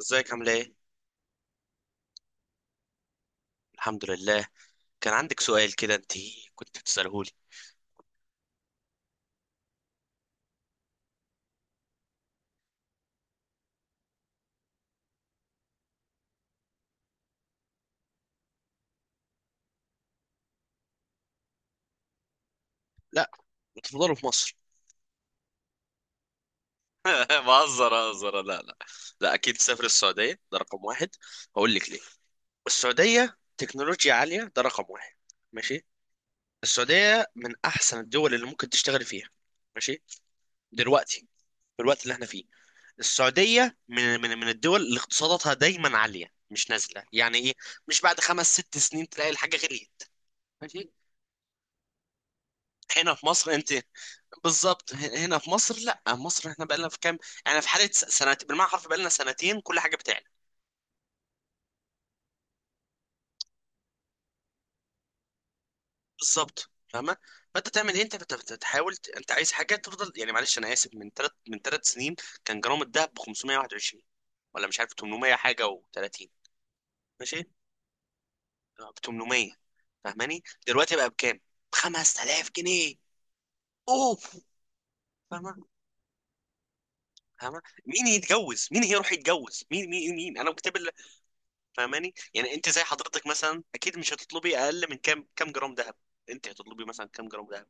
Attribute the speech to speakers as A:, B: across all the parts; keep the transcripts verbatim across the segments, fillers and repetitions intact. A: ازيك؟ عامله ايه؟ الحمد لله. كان عندك سؤال كده انت، كنت بتساله لي. لا، بتفضلوا في مصر؟ بهزر بهزر، لا لا. لا، اكيد تسافر السعوديه، ده رقم واحد. هقول لك ليه. السعوديه تكنولوجيا عاليه، ده رقم واحد. ماشي. السعوديه من احسن الدول اللي ممكن تشتغل فيها. ماشي. دلوقتي، في الوقت اللي احنا فيه، السعوديه من من من الدول اللي اقتصاداتها دايما عاليه، مش نازله يعني، ايه، مش بعد خمس ست سنين تلاقي الحاجه غليت. ماشي. هنا في مصر انت، بالظبط، ه- هنا في مصر، لا مصر احنا بقالنا في كام، يعني في حاله س- سنتين بالمعنى الحرفي، بقالنا سنتين كل حاجه بتعلى. بالظبط، فاهمه؟ فانت تعمل ايه؟ انت بت- بت- بتحاول، ت- انت عايز حاجه تفضل يعني، معلش انا اسف، من ثلاث من ثلاث سنين كان جرام الذهب ب خمسمائة وواحد وعشرون، ولا مش عارف ثمانمائة حاجه وتلاتين. ماشي. اه، ب تمنمية. فاهماني؟ دلوقتي بقى بكام؟ ب خمست الاف جنيه. اوف. فاهمه؟ فاهمه، مين يتجوز؟ مين هيروح يتجوز؟ مين مين مين انا كتاب. فاهماني؟ يعني انت زي حضرتك مثلا، اكيد مش هتطلبي اقل من كام كام جرام ذهب. انت هتطلبي مثلا كام جرام ذهب؟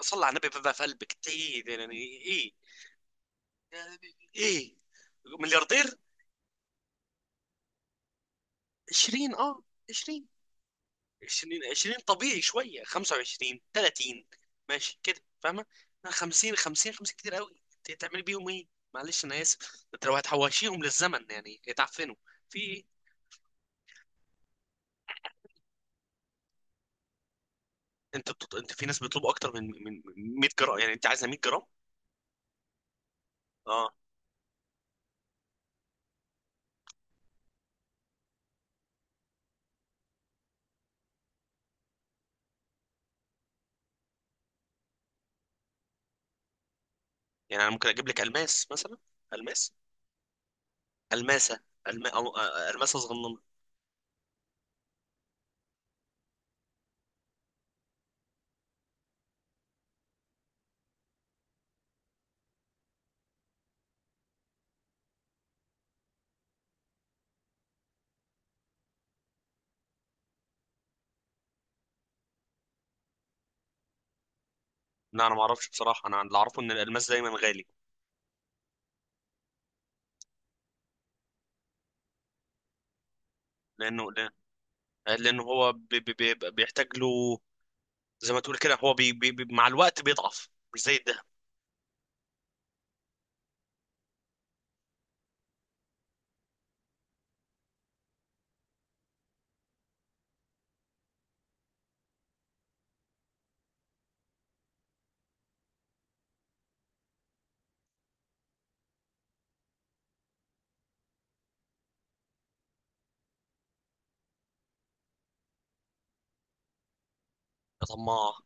A: صلى على النبي بقى، في قلبك ايه يعني؟ ايه؟ يعني؟ ايه؟ ملياردير؟ عشرين، اه. عشرين. عشرين، عشرين طبيعي شويه، خمسة وعشرين، ثلاثين. ماشي كده، فاهمه؟ خمسين، خمسين، خمسين كتير قوي، انت هتعملي بيهم ايه؟ معلش انا اسف، انت لو هتحوشيهم للزمن يعني يتعفنوا في ايه؟ انت بتط... انت في ناس بيطلبوا اكتر من من من مية جرام، يعني انت عايزه مية جرام؟ اه. يعني انا ممكن اجيب لك الماس مثلا، الماس، الماسه، الم... أو... آه، الماسه صغننه. لا انا ما اعرفش بصراحه، انا اللي اعرفه ان الالماس دايما غالي. لانه، لانه هو بي... بي... بي... بيحتاج له، زي ما تقول كده، هو بي... بي... بي... مع الوقت بيضعف، مش زي الدهب. يا طماع.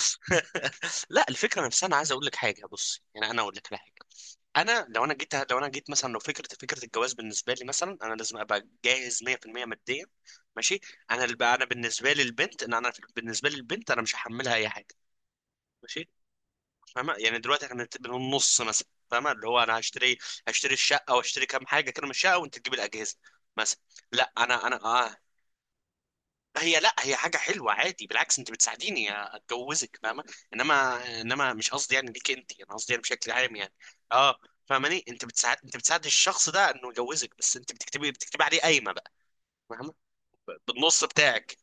A: لا، الفكره نفسها، انا عايز اقول لك حاجه، بص يعني انا اقول لك على حاجه. انا لو انا جيت لو انا جيت مثلا، لو فكره فكره الجواز بالنسبه لي مثلا، انا لازم ابقى جاهز مية بالمية ماديا. ماشي. انا اللي بقى- انا بالنسبه لي البنت، ان انا بالنسبه لي البنت انا مش هحملها اي حاجه. ماشي. فاهمة يعني دلوقتي احنا بالنص مثلا، فاهمة اللي هو انا هشتري، هشتري الشقة واشتري كام حاجة كده من الشقة، وانت تجيب الأجهزة مثلا. لا انا انا اه، هي لا هي حاجة حلوة عادي، بالعكس انت بتساعديني اتجوزك، فاهمة؟ انما، انما مش قصدي يعني ليك انت، انا قصدي يعني بشكل عام يعني. اه. فاهماني؟ انت بتساعد انت بتساعد الشخص ده انه يجوزك، بس انت بتكتبي بتكتبي عليه قايمة بقى. فاهمة؟ بالنص بتاعك.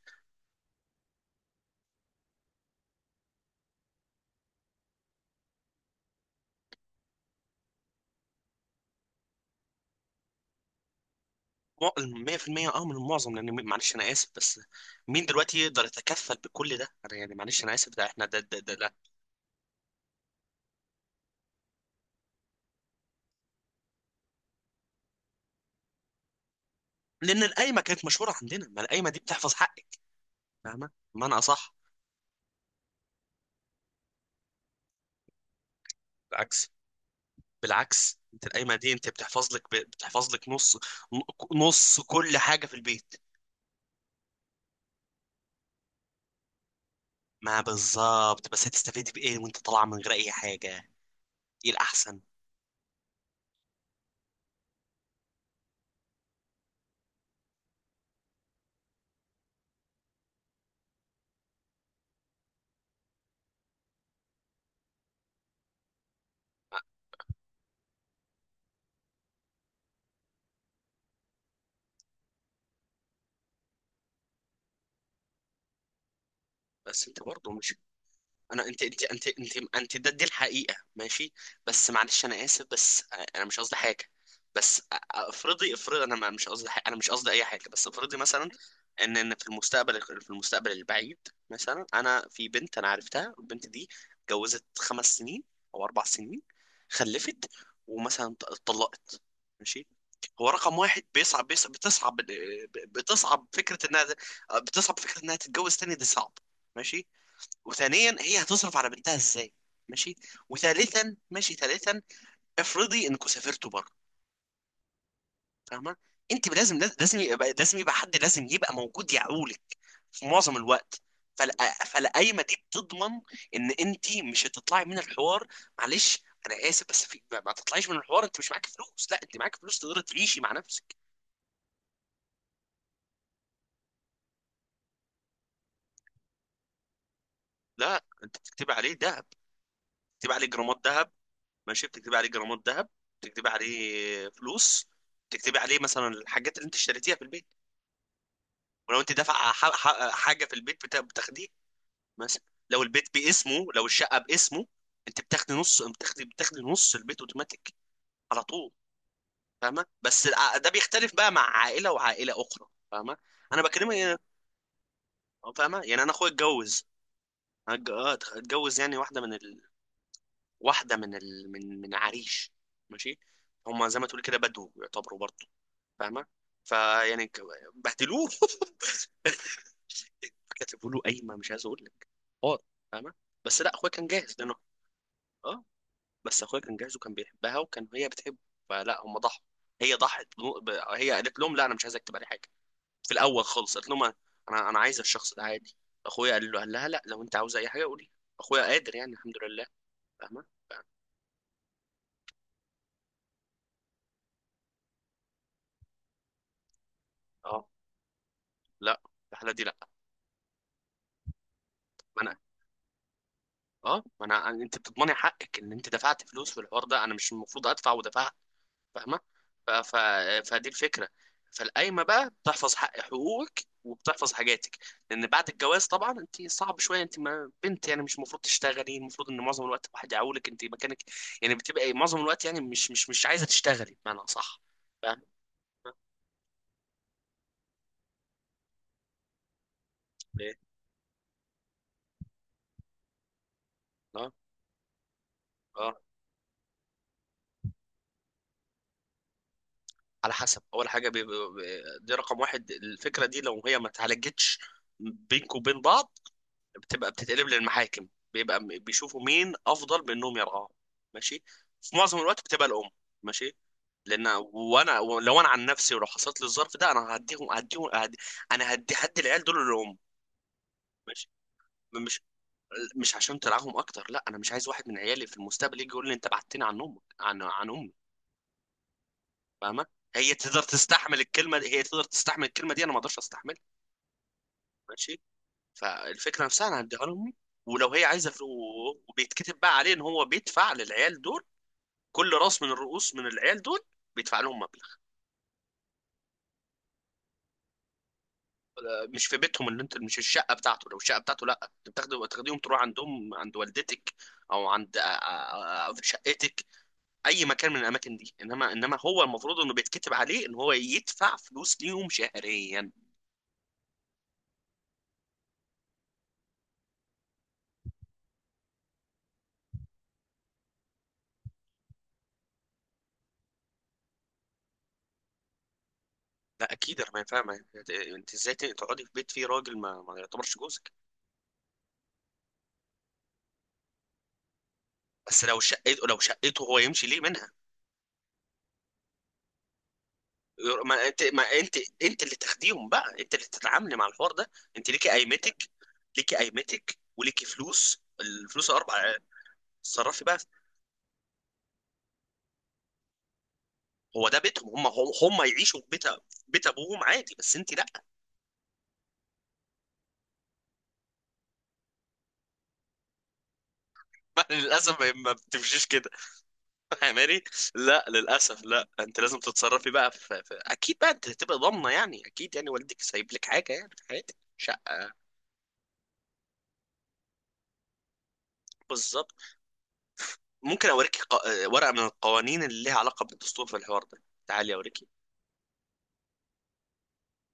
A: مو- ميه في الميه، اه، من المعظم، لان، م- معلش انا اسف بس، مين دلوقتي يقدر يتكفل بكل ده، انا يعني معلش انا اسف، ده احنا ده ده ده لا. لان القايمه كانت مشهوره عندنا، ما القايمه دي بتحفظ حقك. فاهمه؟ بمعنى اصح، بالعكس، بالعكس انت القايمه دي، انت بتحفظ لك، ب- بتحفظ لك نص، نص كل حاجه في البيت. ما بالظبط، بس هتستفيد بايه وانت طالعه من غير اي حاجه؟ ايه الاحسن؟ بس انت برضه مش، انا انت انت انت انت انت ده دي الحقيقه، ماشي. بس معلش انا اسف، بس انا مش قصدي حاجه، بس افرضي، افرضي انا، ما- مش قصدي حاجة، انا مش قصدي اي حاجه، بس افرضي مثلا، ان ان في المستقبل في المستقبل البعيد، مثلا انا في بنت انا عرفتها، البنت دي اتجوزت خمس سنين او اربع سنين، خلفت، ومثلا، ط- اتطلقت. ماشي. هو رقم واحد، بيصعب بيصعب بتصعب بتصعب فكره انها بتصعب فكره انها تتجوز تاني، دي صعب. ماشي. وثانيا، هي هتصرف على بنتها ازاي؟ ماشي. وثالثا، ماشي، ثالثا افرضي انكم سافرتوا بره. فاهمه؟ انت لازم لازم يبقى لازم يبقى حد لازم يبقى موجود يعولك في معظم الوقت. فال- فالقايمه دي بتضمن ان انت مش هتطلعي من الحوار. معلش، انا اسف بس، في ما ما تطلعيش من الحوار انت مش معاك فلوس، لا انت معاك فلوس تقدري تعيشي مع نفسك. لا، انت بتكتبي عليه دهب، بتكتبي عليه جرامات دهب، ماشي، بتكتبي عليه جرامات ذهب، بتكتبي عليه فلوس، بتكتبي عليه مثلا الحاجات اللي انت اشتريتيها في البيت. ولو انت دافعه، ح- ح- حاجه في البيت، بتا- بتاخديه، مثلا لو البيت باسمه، لو الشقه باسمه، انت بتاخدي نص، بتاخدي بتاخدي نص البيت اوتوماتيك على طول. فاهمه؟ بس، الع- ده بيختلف بقى مع عائله وعائله اخرى، فاهمه؟ انا بكلمك يعني، آه، فاهمه يعني، انا اخويا اتجوز، هتج- اه، اتجوز يعني، واحده من ال... واحده من ال... من من عريش. ماشي. هما زي ما تقول كده بدو يعتبروا برضه، فاهمه؟ فيعني، ك- بهدلوه. كتبوا له قايمه، مش عايز اقول لك، حوار، فاهمه؟ بس لا، اخويا كان جاهز لانه، اه، بس اخويا كان جاهز، وكان بيحبها، وكان هي بتحبه، فلا، هم ضحوا، هي ضحت، بم- ب- هي قالت لهم لا انا مش عايز اكتب عليه حاجه في الاول خالص، قالت لهم انا، انا أنا عايزه الشخص ده عادي. اخويا قال له قال لها لا، لو انت عاوز اي حاجه قولي، اخويا قادر يعني، الحمد لله. فاهمه؟ ف- اه، لا، في الحاله دي لا. ما انا اه ما انا انت بتضمني حقك ان انت دفعت فلوس في الحوار ده، انا مش المفروض ادفع ودفعها. فاهمه؟ ف... ف... فدي الفكره. فالقايمه بقى بتحفظ حق حقوقك وبتحفظ حاجاتك. لان بعد الجواز طبعا انت صعب شويه، انت ما بنت يعني مش المفروض تشتغلي، المفروض ان معظم الوقت الواحد يعولك انت مكانك، يعني بتبقى إيه، معظم الوقت يعني مش مش مش عايزه تشتغلي بمعنى، صح؟ فاهم؟ ايه؟ اه، اه، على حسب، اول حاجه، بي... بي... دي رقم واحد، الفكره دي لو هي ما اتعالجتش بينك وبين بعض، بتبقى بتتقلب للمحاكم، بيبقى م- بيشوفوا مين افضل بانهم يرعاهم. ماشي. في معظم الوقت بتبقى الام. ماشي. لان، وانا، لو انا عن نفسي ولو حصلت لي الظرف ده، انا هديهم هديهم هدي انا هدي هدي العيال دول للام. ماشي. مش مش عشان ترعاهم اكتر، لا، انا مش عايز واحد من عيالي في المستقبل يجي يقول لي انت بعدتني عن امك، عن عن امي. فاهمه؟ هي تقدر تستحمل الكلمه دي هي تقدر تستحمل الكلمه دي، انا ما اقدرش استحملها. ماشي. فالفكره نفسها، انا هديها لهم، ولو هي عايزه فلوس، وبيتكتب بقى عليه ان هو بيدفع للعيال دول، كل راس من الرؤوس من العيال دول بيدفع لهم مبلغ. آه، مش في بيتهم، اللي انت مش الشقه بتاعته، لو الشقه بتاعته لا انت بتاخده تاخديهم تروح عندهم عند والدتك، او عند، آه، آه، آه، في شقتك، اي مكان من الاماكن دي، انما، انما هو المفروض انه بيتكتب عليه ان هو يدفع فلوس ليهم شهريا. لا، اكيد انا ما فاهم، انت ازاي تقعدي في بيت فيه راجل ما, ما يعتبرش جوزك؟ بس لو شقته، لو شقته هو يمشي ليه منها؟ ما انت ما انت انت اللي تاخديهم بقى، انت اللي تتعاملي مع الحوار ده، انت ليكي قيمتك، ليكي قيمتك وليكي فلوس، الفلوس الاربع تصرفي بقى. هو ده بيتهم، هم هم يعيشوا في بيت بيت ابوهم عادي، بس انت لا. للاسف ما ما بتمشيش كده. فاهماني؟ لا للاسف، لا انت لازم تتصرفي بقى، في... في... اكيد بقى انت هتبقى ضامنه يعني، اكيد يعني والدك سايب لك حاجه يعني في حياتك، شقه. بالظبط. ممكن اوريكي، ق... ورقه من القوانين اللي ليها علاقه بالدستور في الحوار ده، تعالي اوريكي.